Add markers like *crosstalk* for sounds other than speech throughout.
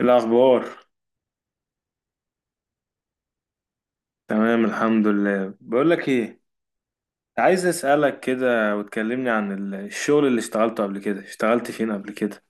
إيه الأخبار؟ تمام الحمد لله. بقول لك إيه، عايز أسألك كده وتكلمني عن الشغل اللي اشتغلته قبل كده. اشتغلت فين قبل كده؟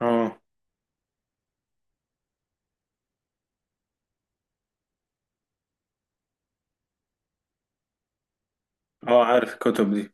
اه. اه عارف الكتب دي.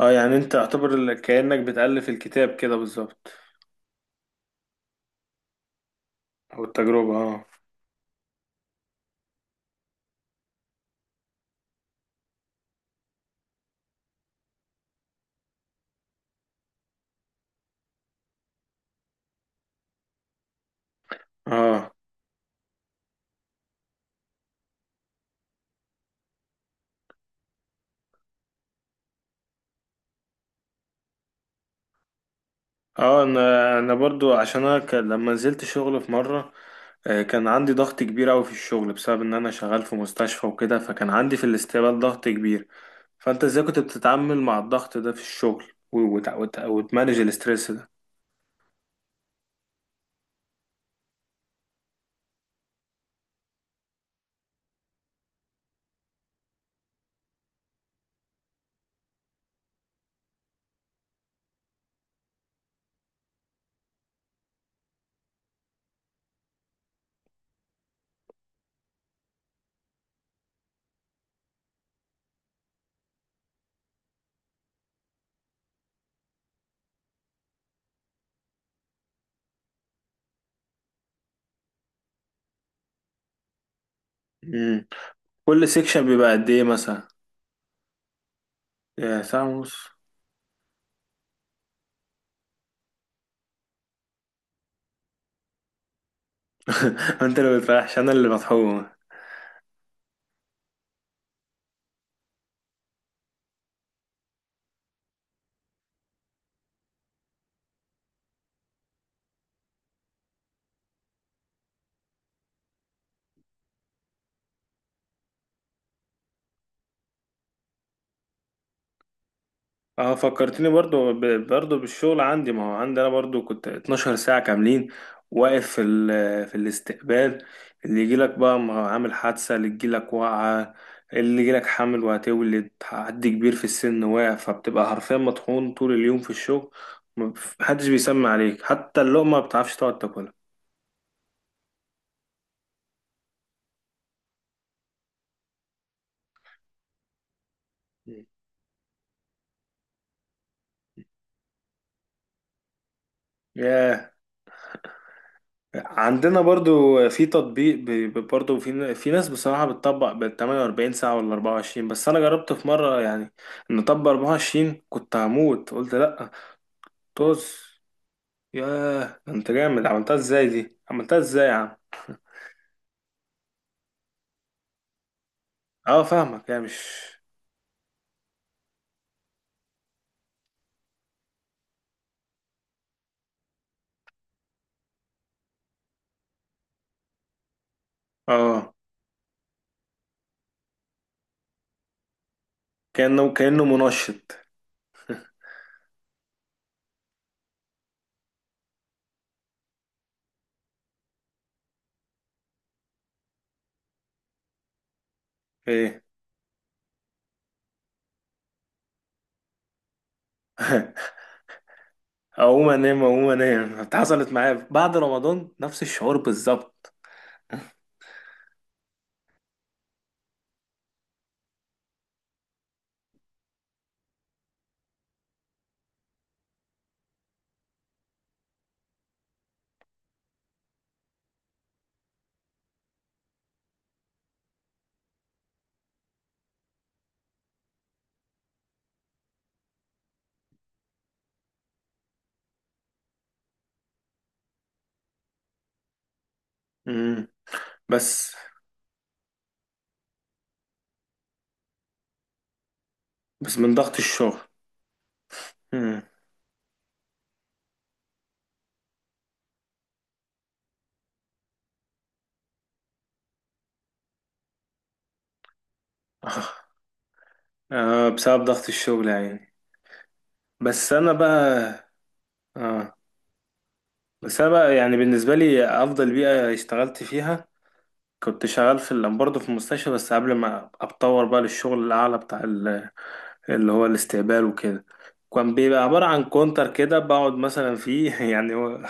اه، يعني انت اعتبر كأنك بتألف الكتاب كده بالظبط، او التجربة اه. اه. اه انا برضو، عشان انا كان لما نزلت شغل في مره، كان عندي ضغط كبير قوي في الشغل، بسبب ان انا شغال في مستشفى وكده، فكان عندي في الاستقبال ضغط كبير. فانت ازاي كنت بتتعامل مع الضغط ده في الشغل، وتمانج الاسترس ده؟ مم. كل سيكشن بيبقى قد ايه مثلا؟ يا ساعه ونص. *laughs* انت اللي بتريحش، انا اللي بتحوم. اه، فكرتني برضو برضو بالشغل عندي، ما هو عندي انا برضو كنت 12 ساعة كاملين واقف في الاستقبال. اللي يجيلك بقى ما هو عامل حادثة، اللي يجيلك واقعة، اللي يجيلك حامل وهتولد، حد كبير في السن واقع، فبتبقى حرفيا مطحون طول اليوم في الشغل. ما- محدش بيسمع عليك، حتى اللقمة ما بتعرفش تقعد تاكلها. مم. ياه. عندنا برضو في تطبيق برضو في ناس بصراحة بتطبق بال 48 ساعة ولا 24. بس أنا جربت في مرة يعني نطبق 24، كنت هموت، قلت لأ. طز. ياه، ده أنت جامد، عملتها إزاي دي؟ عملتها إزاي يا عم؟ أه فاهمك، يعني مش أه. كأنه كأنه منشط. إيه؟ *laughs* أقوم أنام أقوم أنام، حصلت معايا بعد رمضان نفس الشعور بالظبط. أمم. بس. بس من ضغط الشغل. أمم. *laughs* آه بسبب ضغط الشغل يعني. بس انا بقى آه. بس انا بقى يعني بالنسبه لي افضل بيئه اشتغلت فيها، كنت شغال برضه في المستشفى، بس قبل ما اتطور بقى للشغل الاعلى بتاع، اللي هو الاستقبال وكده. كان بيبقى عبارة عن كونتر كده بقعد مثلا فيه، *laughs* يعني هو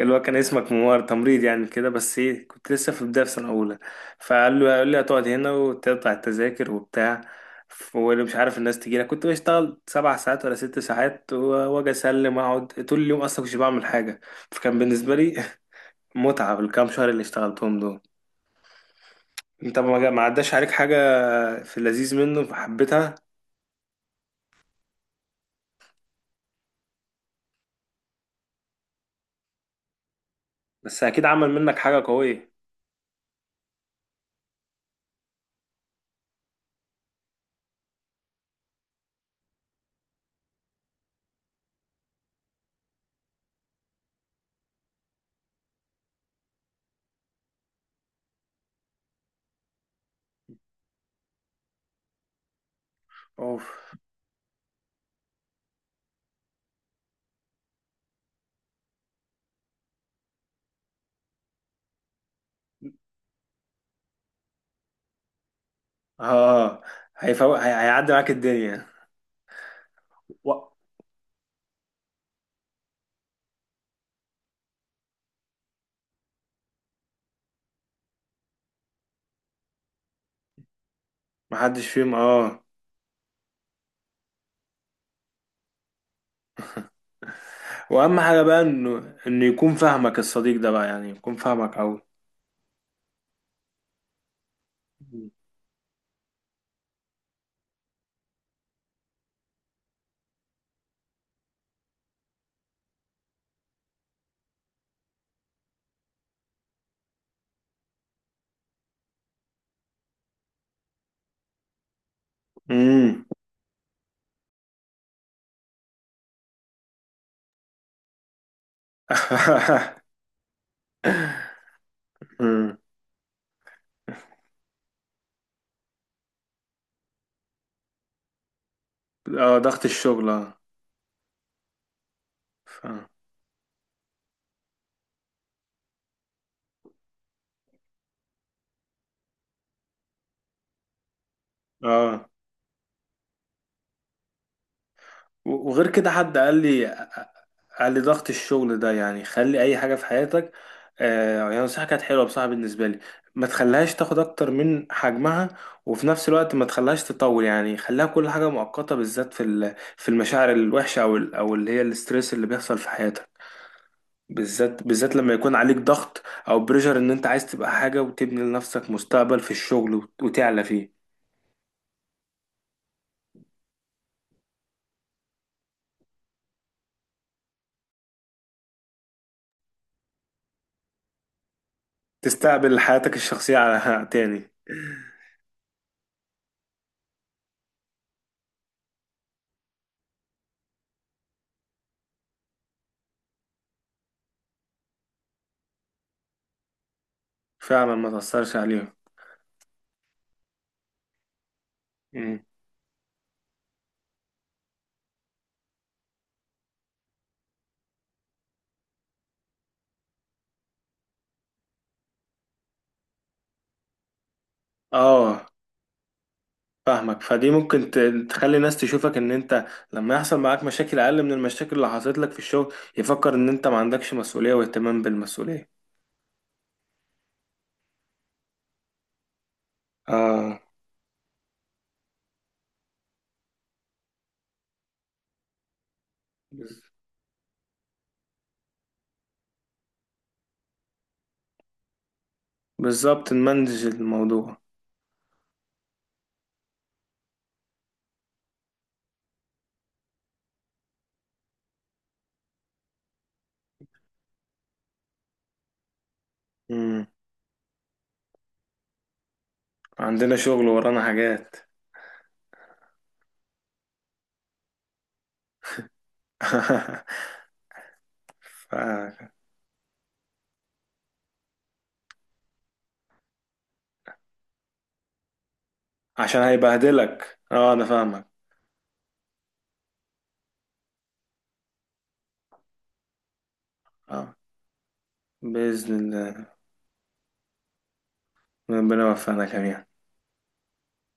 اللي هو كان اسمك منور تمريض يعني كده. بس ايه، كنت لسه في بداية في سنة أولى، فقال له قال لي هتقعد هنا وتقطع التذاكر وبتاع. واللي مش عارف الناس تجي لك، كنت بشتغل سبع ساعات ولا ست ساعات، واجي اسلم اقعد طول اليوم اصلا مش بعمل حاجة. فكان بالنسبة لي *laughs* متعة بالكام شهر اللي اشتغلتهم دول. انت ما عداش عليك حاجة، في اللذيذ منه فحبيتها. بس اكيد عمل منك حاجة قوية. اوف. اه اه. هيفوق هيعدي معاك الدنيا. و- محدش فيهم اه. واهم حاجة بقى انه يكون فاهمك الصديق ده بقى، يعني يكون فاهمك اوي. امم. *laughs* أمم. اه ضغط الشغل اه. ف- اه وغير كده حد قال لي، قال لي ضغط الشغل ده يعني خلي اي حاجه في حياتك، آه يعني نصيحه كانت حلوه بصراحه بالنسبه لي، ما تخليهاش تاخد اكتر من حجمها، وفي نفس الوقت ما تخليهاش تطول. يعني خليها كل حاجه مؤقته، بالذات في المشاعر الوحشه او اللي هي الاستريس اللي بيحصل في حياتك، بالذات بالذات لما يكون عليك ضغط او بريشر، ان انت عايز تبقى حاجه وتبني لنفسك مستقبل في الشغل، وتعلى فيه. تستقبل حياتك الشخصيه على *laughs* تاني. فعلا ما تأثرش عليهم. اه فاهمك، فدي ممكن تخلي الناس تشوفك ان انت لما يحصل معاك مشاكل اقل من المشاكل اللي حصلت لك في الشغل، يفكر ان انت ما عندكش مسؤولية واهتمام بالمسؤولية. اه بالظبط، نمنج الموضوع. مم. عندنا شغل ورانا حاجات. *laughs* ف... عشان هيبهدلك اه، انا فاهمك. اه بإذن الله، ربنا يوفقنا جميعا.